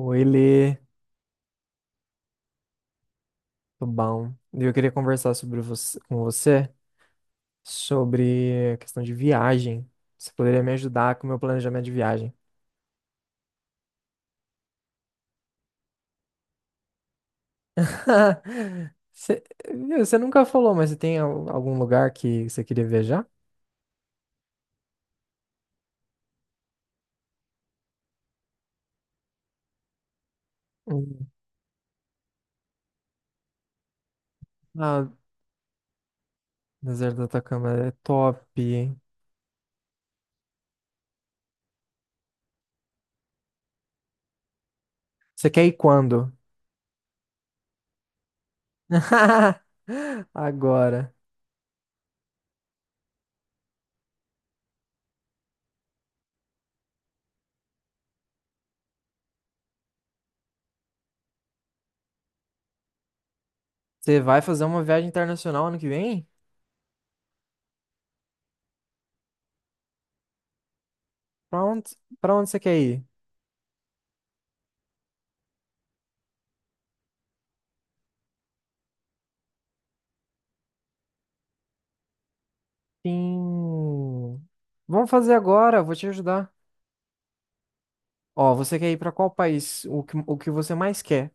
Oi, Lê, tudo bom? Eu queria conversar com você sobre a questão de viagem. Você poderia me ajudar com o meu planejamento de viagem? Você, viu, você nunca falou, mas você tem algum lugar que você queria viajar? Hum. Ah, deserto do Atacama é top. Você quer ir quando? Agora. Você vai fazer uma viagem internacional ano que vem? Pra onde, pra onde, você quer ir? Sim. Vamos fazer agora, vou te ajudar. Ó, você quer ir pra qual país? O que, você mais quer?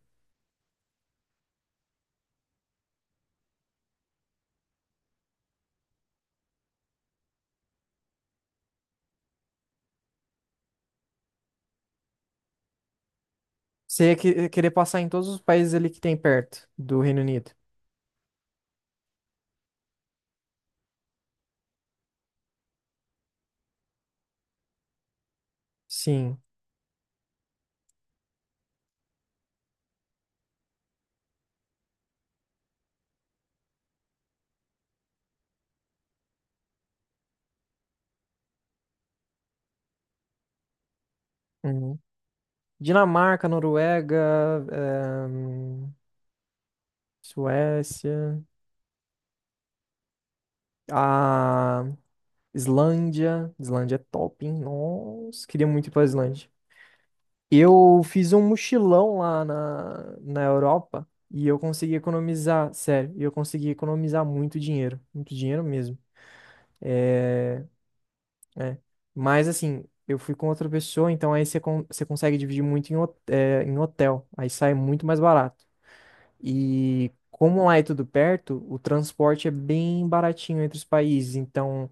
Você ia querer passar em todos os países ali que tem perto do Reino Unido? Sim. Uhum. Dinamarca, Noruega, Suécia, a Islândia. Islândia é top, hein? Nossa, queria muito ir pra Islândia. Eu fiz um mochilão lá na Europa e eu consegui economizar, sério, e eu consegui economizar muito dinheiro mesmo. É, é. Mas assim, eu fui com outra pessoa, então aí você consegue dividir muito em hotel, aí sai muito mais barato. E como lá é tudo perto, o transporte é bem baratinho entre os países, então.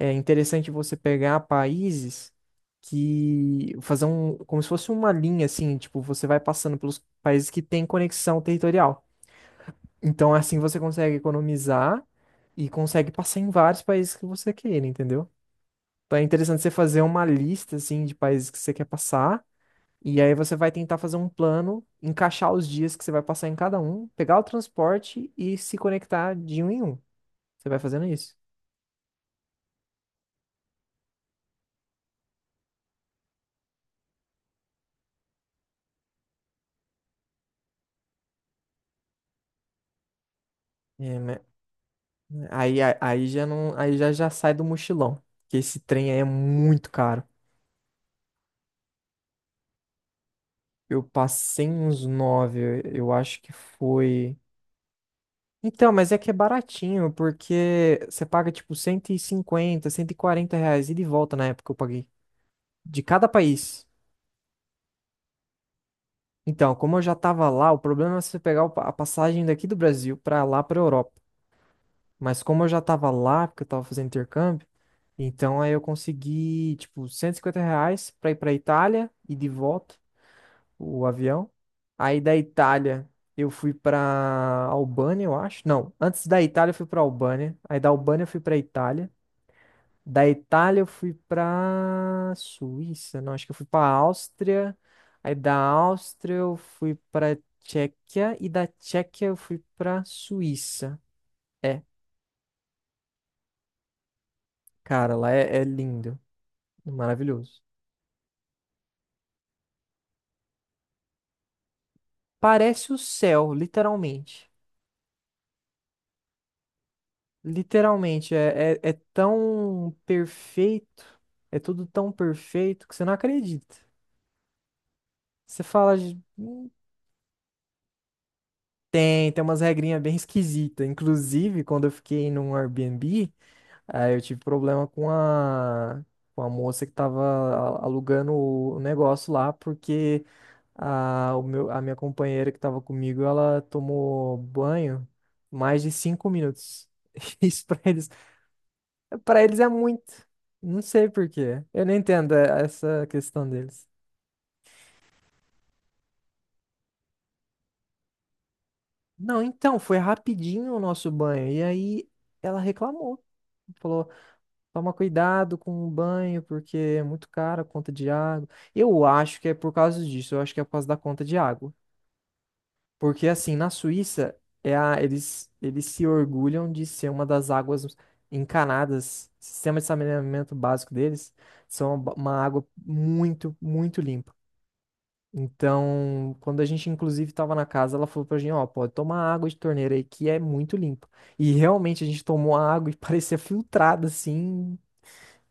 É interessante você pegar países que fazer um, como se fosse uma linha assim, tipo, você vai passando pelos países que têm conexão territorial. Então, assim você consegue economizar e consegue passar em vários países que você queira, entendeu? Então é interessante você fazer uma lista assim de países que você quer passar e aí você vai tentar fazer um plano, encaixar os dias que você vai passar em cada um, pegar o transporte e se conectar de um em um. Você vai fazendo isso. É. Aí, aí já não, aí já já sai do mochilão, que esse trem aí é muito caro. Eu passei uns nove, eu acho que foi. Então, mas é que é baratinho, porque você paga tipo 150, 140 reais ida e de volta na época que eu paguei, de cada país. Então, como eu já tava lá, o problema é você pegar o a passagem daqui do Brasil pra lá pra Europa. Mas como eu já tava lá, porque eu tava fazendo intercâmbio, então aí eu consegui tipo 150 reais pra ir pra Itália e de volta. O avião. Aí da Itália eu fui pra Albânia, eu acho. Não, antes da Itália eu fui pra Albânia. Aí da Albânia eu fui pra Itália. Da Itália eu fui pra Suíça, não, acho que eu fui pra Áustria. Aí da Áustria eu fui pra Tchequia e da Tchequia eu fui pra Suíça. É, cara, lá é lindo, maravilhoso. Parece o céu, literalmente. Literalmente, é tão perfeito, é tudo tão perfeito que você não acredita. Você fala, "Tem umas regrinhas bem esquisitas. Inclusive, quando eu fiquei num Airbnb, aí eu tive problema com a moça que tava alugando o negócio lá, porque a minha companheira que tava comigo, ela tomou banho mais de 5 minutos. Isso pra eles Pra eles é muito. Não sei por quê. Eu não entendo essa questão deles. Não, então, foi rapidinho o nosso banho. E aí ela reclamou. Falou, toma cuidado com o banho, porque é muito caro a conta de água. Eu acho que é por causa disso, eu acho que é por causa da conta de água. Porque assim, na Suíça, eles se orgulham de ser uma das águas encanadas. Sistema de saneamento básico deles são uma água muito, muito limpa. Então, quando a gente inclusive estava na casa, ela falou pra gente, ó, pode tomar água de torneira aí que é muito limpa. E realmente a gente tomou a água e parecia filtrada assim,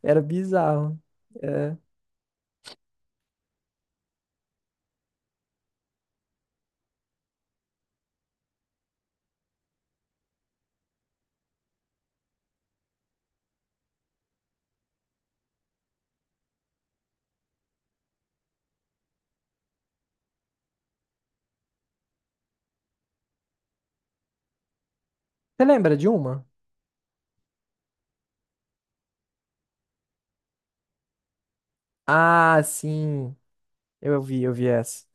era bizarro. É. Você lembra de uma? Ah, sim, eu vi essa.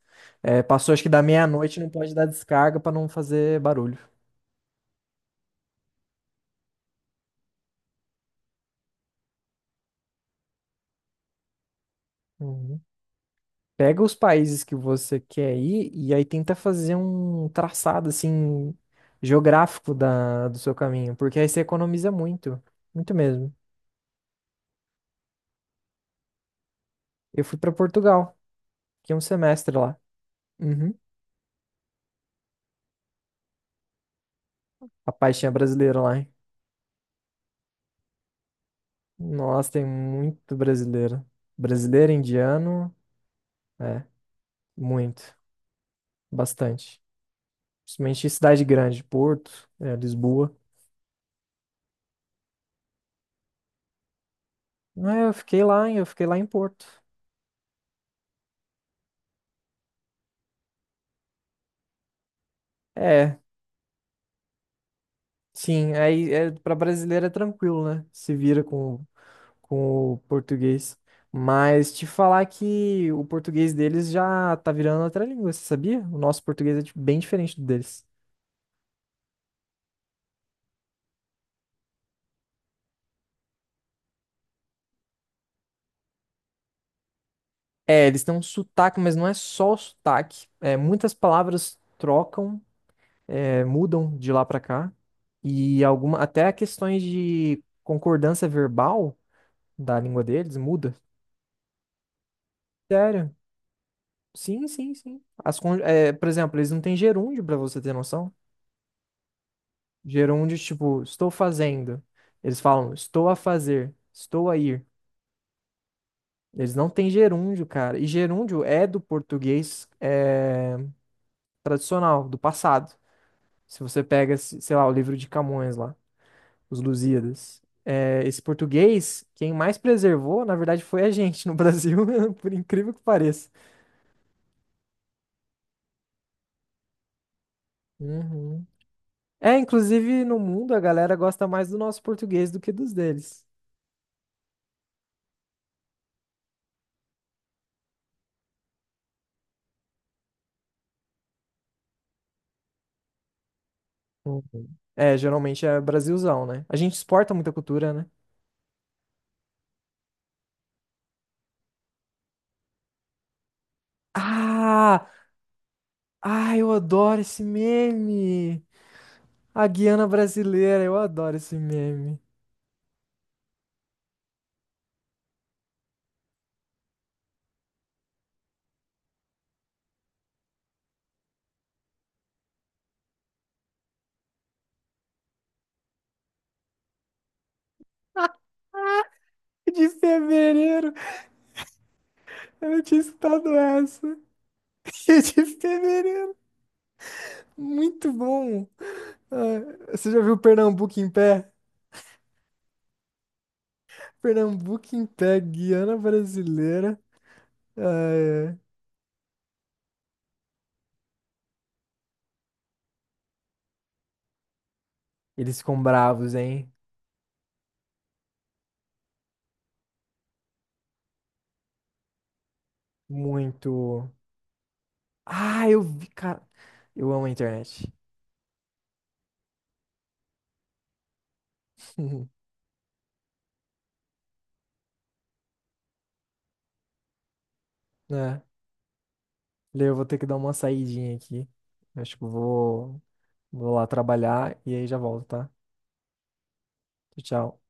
É, passou acho que da meia-noite, não pode dar descarga pra não fazer barulho. Uhum. Pega os países que você quer ir e aí tenta fazer um traçado assim geográfico do seu caminho, porque aí você economiza muito, muito mesmo. Eu fui pra Portugal, fiquei um semestre lá. Uhum. Rapaz, tinha brasileiro lá, hein? Nossa, tem muito brasileiro. Brasileiro, indiano, é, muito, bastante. Principalmente em cidade grande, Porto, Lisboa. Não, eu fiquei lá, hein? Eu fiquei lá em Porto. É. Sim, aí é, para brasileiro é tranquilo, né? Se vira com o português. Mas te falar que o português deles já tá virando outra língua, você sabia? O nosso português é bem diferente do deles. É, eles têm um sotaque, mas não é só o sotaque. É, muitas palavras trocam, mudam de lá pra cá. E alguma, até questões de concordância verbal da língua deles muda. Sério? Sim, sim, sim. Por exemplo, eles não têm gerúndio, pra você ter noção. Gerúndios, tipo, estou fazendo. Eles falam, estou a fazer, estou a ir. Eles não têm gerúndio, cara. E gerúndio é do português tradicional, do passado. Se você pega, sei lá, o livro de Camões lá, os Lusíadas. É, esse português, quem mais preservou, na verdade, foi a gente no Brasil, por incrível que pareça. Uhum. É, inclusive no mundo a galera gosta mais do nosso português do que dos deles. Uhum. É, geralmente é Brasilzão, né? A gente exporta muita cultura, né? Ah! Ah, eu adoro esse meme! A Guiana brasileira, eu adoro esse meme. De fevereiro, eu não tinha escutado essa. De fevereiro, muito bom. Ah, você já viu Pernambuco em pé? Pernambuco em pé, Guiana brasileira. Ah, é. Eles ficam bravos, hein? Muito. Ah, eu vi, cara. Eu amo a internet. É. Lê, eu vou ter que dar uma saidinha aqui. Acho que eu vou lá trabalhar e aí já volto, tá? Tchau, tchau.